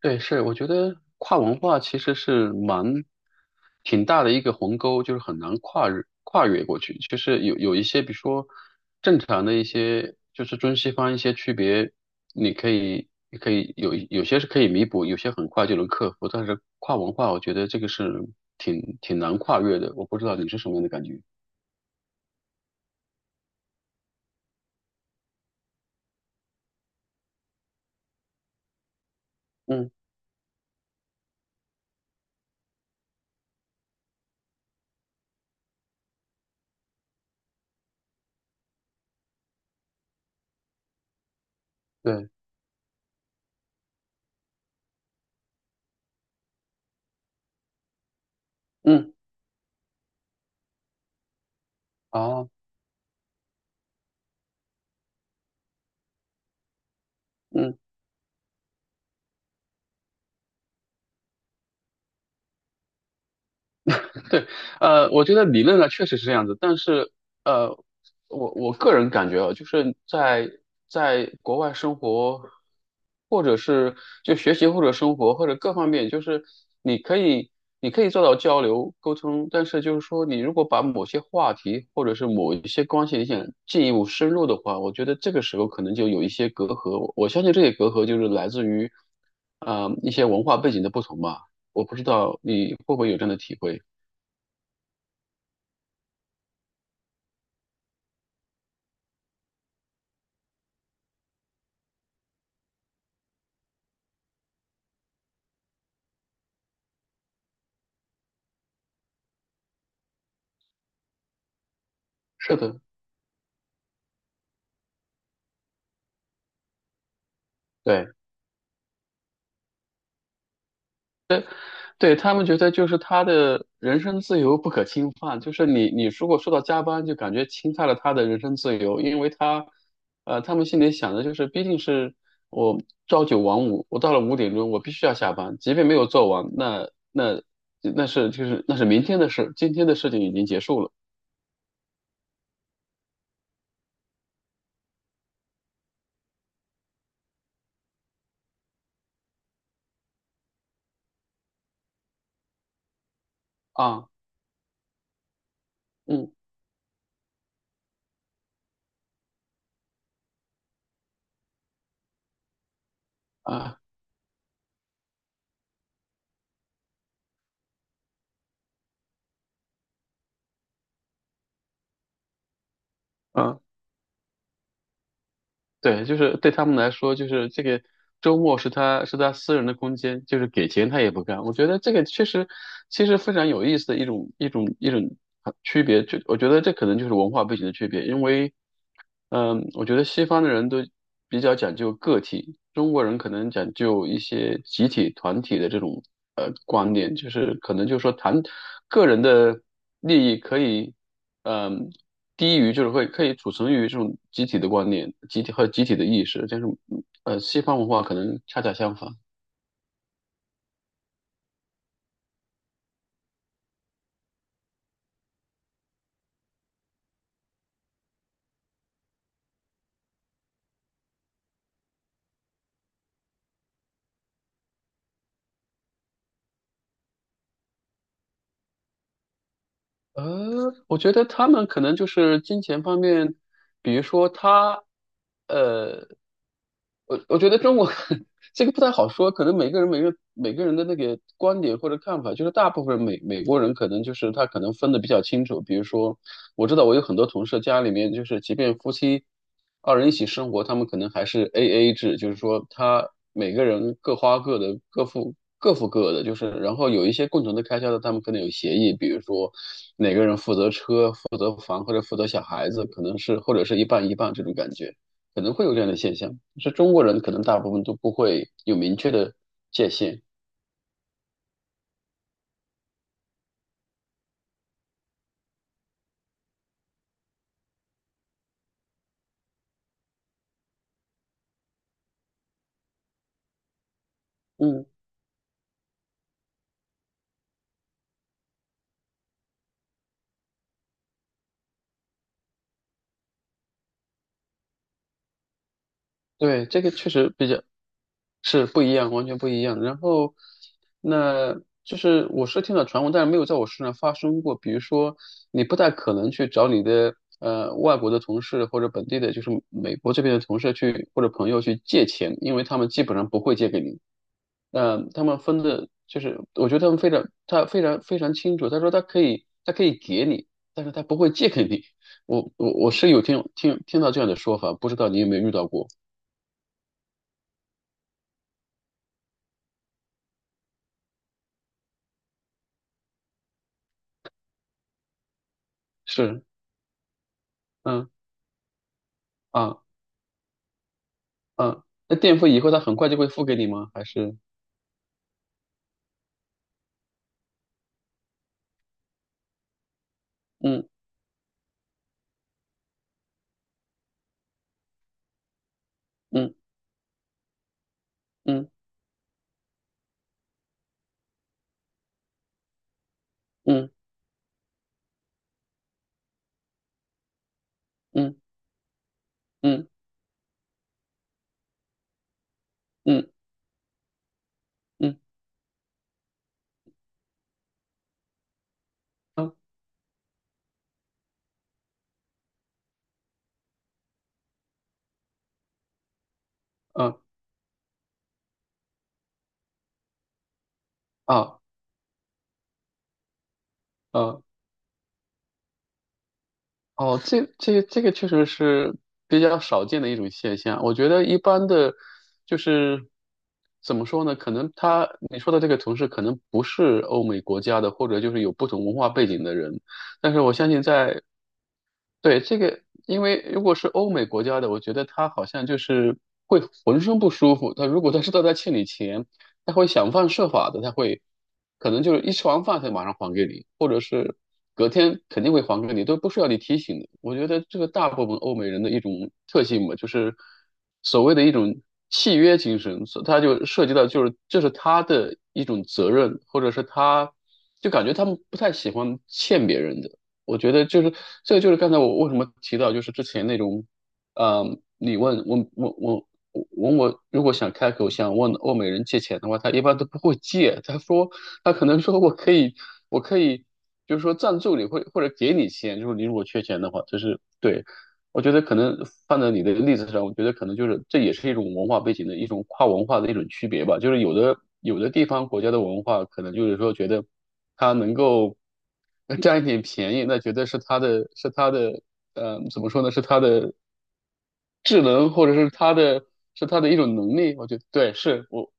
对，是，我觉得跨文化其实是蛮挺大的一个鸿沟，就是很难跨越过去。就是有一些，比如说正常的一些，就是中西方一些区别，你可以有些是可以弥补，有些很快就能克服。但是跨文化，我觉得这个是挺难跨越的。我不知道你是什么样的感觉？嗯，对，嗯，好，嗯。对，我觉得理论上确实是这样子，但是，呃，我个人感觉啊，就是在国外生活，或者是就学习或者生活或者各方面，就是你可以你可以做到交流沟通，但是就是说，你如果把某些话题或者是某一些关系你想进一步深入的话，我觉得这个时候可能就有一些隔阂。我相信这些隔阂就是来自于，一些文化背景的不同吧。我不知道你会不会有这样的体会。是的，对对，他们觉得就是他的人身自由不可侵犯，就是你如果说到加班，就感觉侵犯了他的人身自由，因为他，他们心里想的就是，毕竟是我朝九晚五，我到了五点钟我必须要下班，即便没有做完，那是明天的事，今天的事情已经结束了啊。嗯啊。啊，对，就是对他们来说，就是这个周末是他是他私人的空间，就是给钱他也不干。我觉得这个确实其实非常有意思的一种区别，就我觉得这可能就是文化背景的区别，因为我觉得西方的人都比较讲究个体，中国人可能讲究一些集体团体的这种观念，就是可能就是说谈个人的利益可以。嗯，低于就是会可以储存于这种集体的观念、集体和集体的意识，但是西方文化可能恰恰相反。我觉得他们可能就是金钱方面，比如说他，呃，我觉得中国 这个不太好说，可能每个人的那个观点或者看法，就是大部分美国人可能就是他可能分的比较清楚。比如说，我知道我有很多同事家里面就是，即便夫妻二人一起生活，他们可能还是 AA 制，就是说他每个人各花各的，各付各的，就是然后有一些共同的开销的，他们可能有协议，比如说哪个人负责车、负责房或者负责小孩子，可能是或者是一半一半这种感觉。可能会有这样的现象，是中国人可能大部分都不会有明确的界限。嗯，对，这个确实比较是不一样，完全不一样。然后，那就是我是听到传闻，但是没有在我身上发生过。比如说，你不太可能去找你的外国的同事或者本地的，就是美国这边的同事去或者朋友去借钱，因为他们基本上不会借给你。他们分的，就是我觉得他们非常，他非常非常清楚。他说他可以，他可以给你，但是他不会借给你。我是有听到这样的说法，不知道你有没有遇到过？是，嗯，啊，啊，那垫付以后他很快就会付给你吗？还是？嗯，嗯，嗯，嗯，嗯，嗯，嗯，嗯，嗯，啊，啊，啊，啊？哦，这个确实是比较少见的一种现象。我觉得一般的，就是怎么说呢？可能他你说的这个同事可能不是欧美国家的，或者就是有不同文化背景的人。但是我相信在，对，这个，因为如果是欧美国家的，我觉得他好像就是会浑身不舒服。他如果他知道他欠你钱，他会想方设法的，他会可能就是一吃完饭他马上还给你，或者是隔天肯定会还给你，都不需要你提醒的。我觉得这个大部分欧美人的一种特性吧，就是所谓的一种契约精神，所他就涉及到就是这是他的一种责任，或者是他就感觉他们不太喜欢欠别人的。我觉得就是这个，就是刚才我为什么提到，就是之前那种，嗯，你问我我我我问我，如果想开口想问欧美人借钱的话，他一般都不会借，他说他可能说我可以就是说赞助你，或者给你钱，就是你如果缺钱的话，就是对。我觉得可能放在你的例子上，我觉得可能就是这也是一种文化背景的一种跨文化的一种区别吧。就是有的地方国家的文化，可能就是说觉得它能够 占一点便宜，那觉得是它的怎么说呢？是它的智能或者是它的是它的一种能力。我觉得对，是我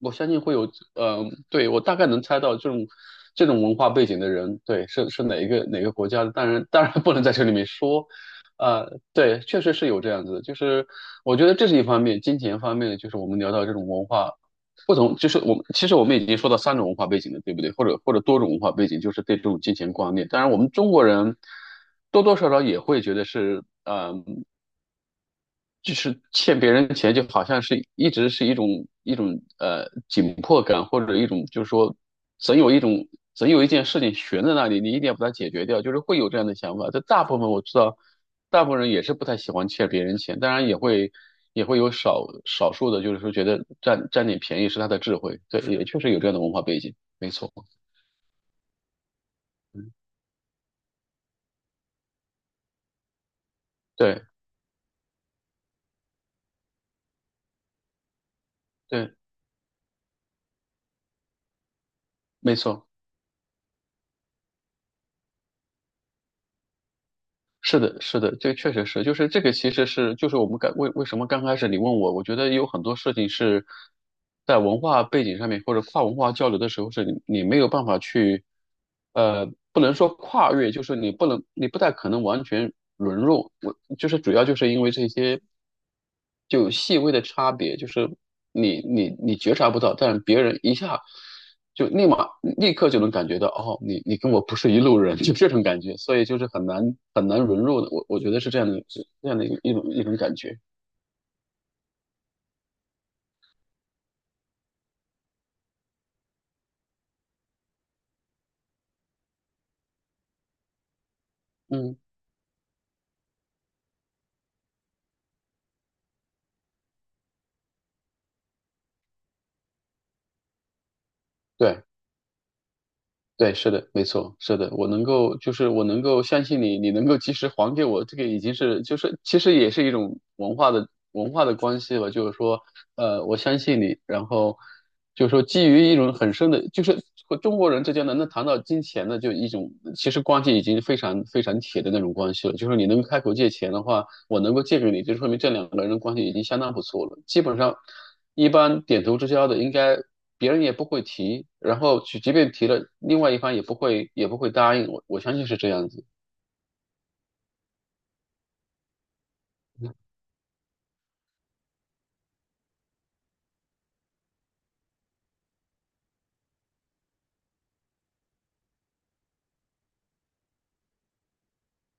我相信会有，嗯、对，我大概能猜到这种文化背景的人，对，是哪个国家的？当然，当然不能在这里面说，呃，对，确实是有这样子的，就是我觉得这是一方面，金钱方面的，就是我们聊到这种文化不同，就是我们其实我们已经说到三种文化背景了，对不对？或者或者多种文化背景，就是对这种金钱观念。当然，我们中国人多多少少也会觉得是，呃，就是欠别人钱，就好像是一直是一种一种紧迫感，或者一种就是说，总有一种总有一件事情悬在那里，你一定要把它解决掉，就是会有这样的想法。但大部分我知道，大部分人也是不太喜欢欠别人钱，当然也会有少数的，就是说觉得占点便宜是他的智慧，对，也确实有这样的文化背景，没错，对对，没错。是的，是的，这确实是，就是这个其实是，就是我们刚为什么刚开始你问我，我觉得有很多事情是在文化背景上面或者跨文化交流的时候，是你你没有办法去，呃，不能说跨越，就是你不能，你不太可能完全融入，我就是主要就是因为这些。就有细微的差别，就是你觉察不到，但别人一下就立马立刻就能感觉到，哦，你你跟我不是一路人，就这种感觉，所以就是很难很难融入的，我我觉得是这样的，是这样的一个一种感觉，嗯，对。对，是的，没错，是的，我能够，就是我能够相信你，你能够及时还给我，这个已经是，就是其实也是一种文化的关系吧，就是说，呃，我相信你，然后就是说基于一种很深的，就是和中国人之间能谈到金钱的，就一种其实关系已经非常非常铁的那种关系了，就是你能开口借钱的话，我能够借给你，就说明这两个人的关系已经相当不错了，基本上一般点头之交的应该。别人也不会提，然后去，即便提了，另外一方也不会答应。我我相信是这样子。